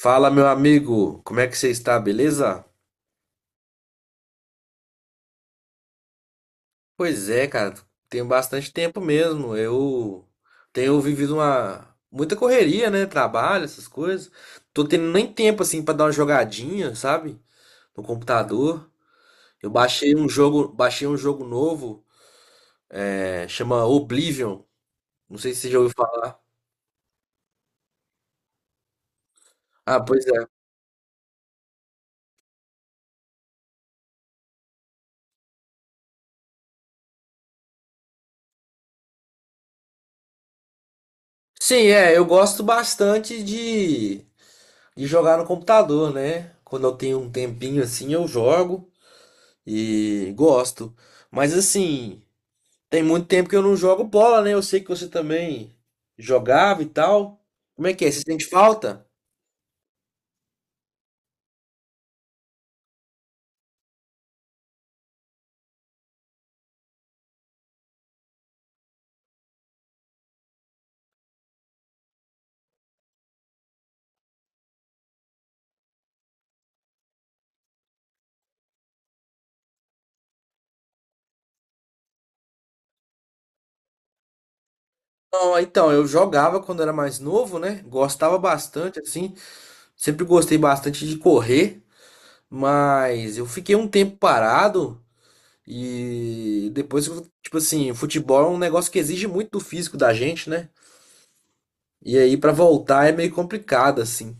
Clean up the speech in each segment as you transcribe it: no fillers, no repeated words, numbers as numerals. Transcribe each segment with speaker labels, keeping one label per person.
Speaker 1: Fala, meu amigo, como é que você está, beleza? Pois é, cara, tem bastante tempo mesmo. Eu tenho vivido uma muita correria, né? Trabalho, essas coisas. Tô tendo nem tempo assim pra dar uma jogadinha, sabe? No computador. Eu baixei um jogo novo, chama Oblivion. Não sei se você já ouviu falar. Ah, pois é. Sim, eu gosto bastante de jogar no computador, né? Quando eu tenho um tempinho assim, eu jogo. E gosto. Mas assim, tem muito tempo que eu não jogo bola, né? Eu sei que você também jogava e tal. Como é que é? Você sente falta? Não, então, eu jogava quando era mais novo, né? Gostava bastante, assim. Sempre gostei bastante de correr, mas eu fiquei um tempo parado e depois, tipo assim, futebol é um negócio que exige muito do físico da gente, né? E aí, pra voltar é meio complicado, assim.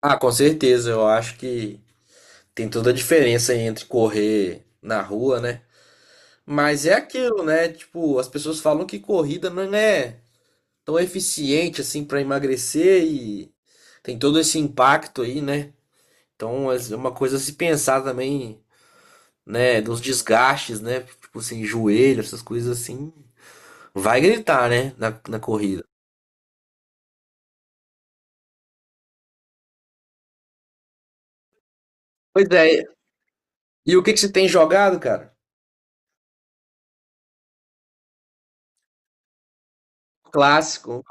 Speaker 1: Ah, com certeza, eu acho que tem toda a diferença entre correr na rua, né? Mas é aquilo, né? Tipo, as pessoas falam que corrida não é tão eficiente assim para emagrecer e tem todo esse impacto aí, né? Então é uma coisa a se pensar também, né? Dos desgastes, né? Tipo assim, joelho, essas coisas assim. Vai gritar, né? Na corrida. Pois é. E o que que você tem jogado, cara? Clássico.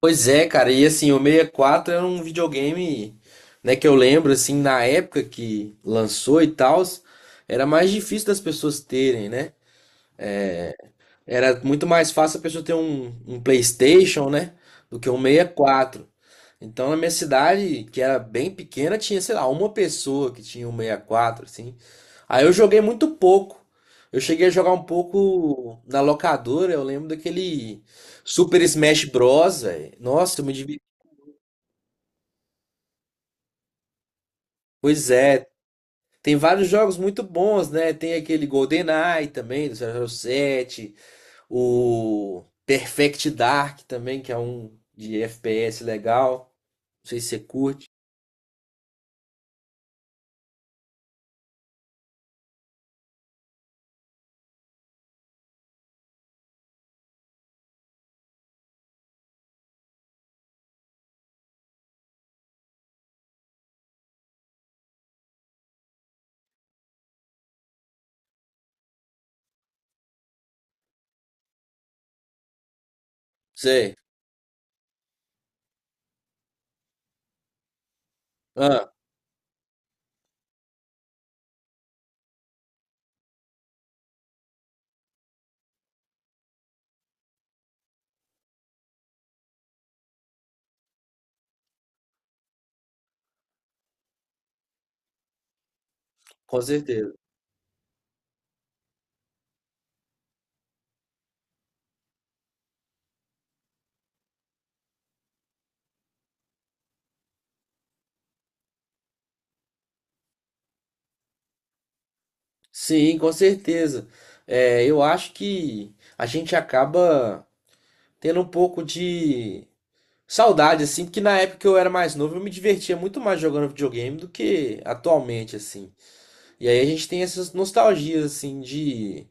Speaker 1: Pois é, cara, e assim, o 64 era um videogame, né, que eu lembro, assim, na época que lançou e tal, era mais difícil das pessoas terem, né? Era muito mais fácil a pessoa ter um PlayStation, né, do que um 64. Então, na minha cidade, que era bem pequena, tinha, sei lá, uma pessoa que tinha um 64 assim. Aí eu joguei muito pouco. Eu cheguei a jogar um pouco na locadora, eu lembro daquele Super Smash Bros, velho. Nossa, eu me diverti. Pois é, tem vários jogos muito bons, né? Tem aquele GoldenEye também, do 007, o Perfect Dark também, que é um de FPS legal. Não sei se você curte. Sei. Ah, com certeza. Sim, com certeza. É, eu acho que a gente acaba tendo um pouco de saudade, assim, porque na época que eu era mais novo, eu me divertia muito mais jogando videogame do que atualmente, assim. E aí a gente tem essas nostalgias, assim, de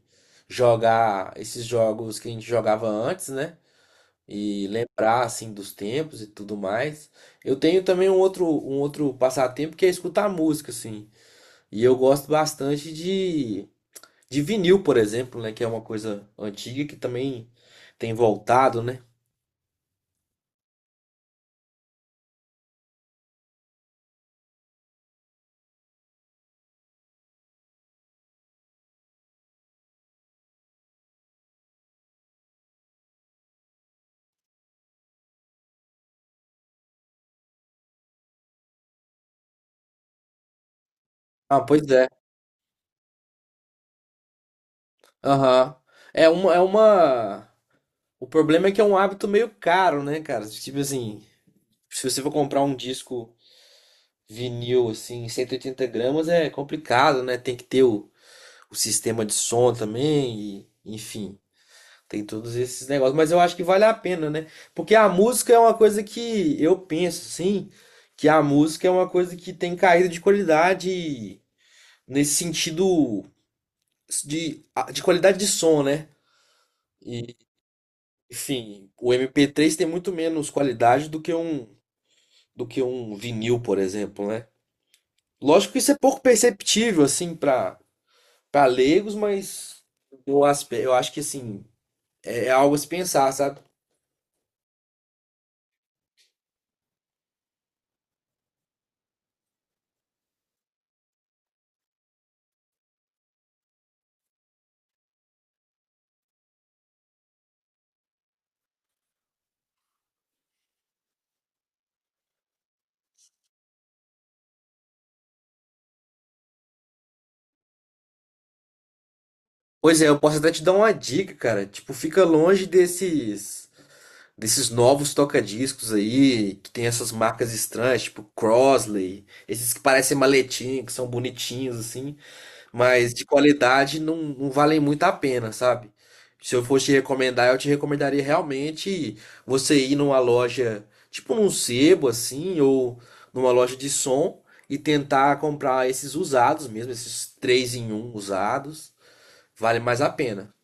Speaker 1: jogar esses jogos que a gente jogava antes, né? E lembrar, assim, dos tempos e tudo mais. Eu tenho também um outro passatempo que é escutar música, assim. E eu gosto bastante de vinil, por exemplo, né? Que é uma coisa antiga que também tem voltado, né? Ah, pois é. Aham. É uma, é uma. O problema é que é um hábito meio caro, né, cara? Tipo assim, se você for comprar um disco vinil assim, 180 gramas é complicado, né? Tem que ter o sistema de som também, e, enfim, tem todos esses negócios. Mas eu acho que vale a pena, né? Porque a música é uma coisa que eu penso, assim, que a música é uma coisa que tem caída de qualidade nesse sentido de, de qualidade de som, né? E, enfim, o MP3 tem muito menos qualidade do que um vinil, por exemplo, né? Lógico que isso é pouco perceptível, assim, para leigos, mas eu acho que assim, é algo a se pensar, sabe? Pois é, eu posso até te dar uma dica, cara. Tipo, fica longe desses novos toca-discos aí, que tem essas marcas estranhas, tipo Crosley, esses que parecem maletim, que são bonitinhos assim. Mas de qualidade não, não valem muito a pena, sabe? Se eu fosse te recomendar, eu te recomendaria realmente você ir numa loja, tipo num sebo assim, ou numa loja de som e tentar comprar esses usados mesmo, esses 3 em 1 usados, vale mais a pena.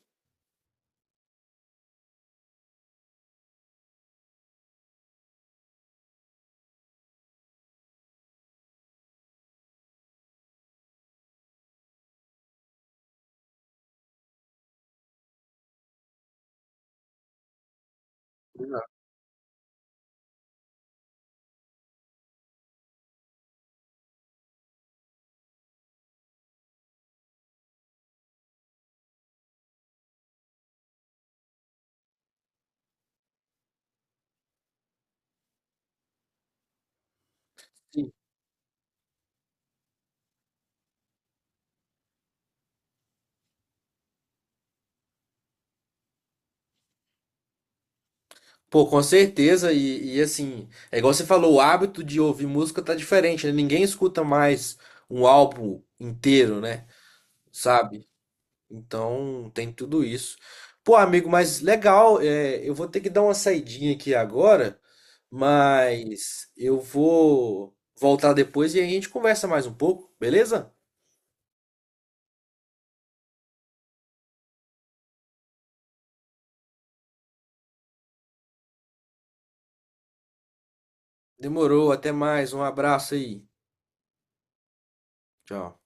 Speaker 1: Sim. Pô, com certeza, e, assim, é igual você falou, o hábito de ouvir música tá diferente, né? Ninguém escuta mais um álbum inteiro, né? Sabe? Então, tem tudo isso. Pô, amigo, mas legal, é, eu vou ter que dar uma saidinha aqui agora, mas eu vou voltar depois e a gente conversa mais um pouco, beleza? Demorou, até mais, um abraço aí. Tchau.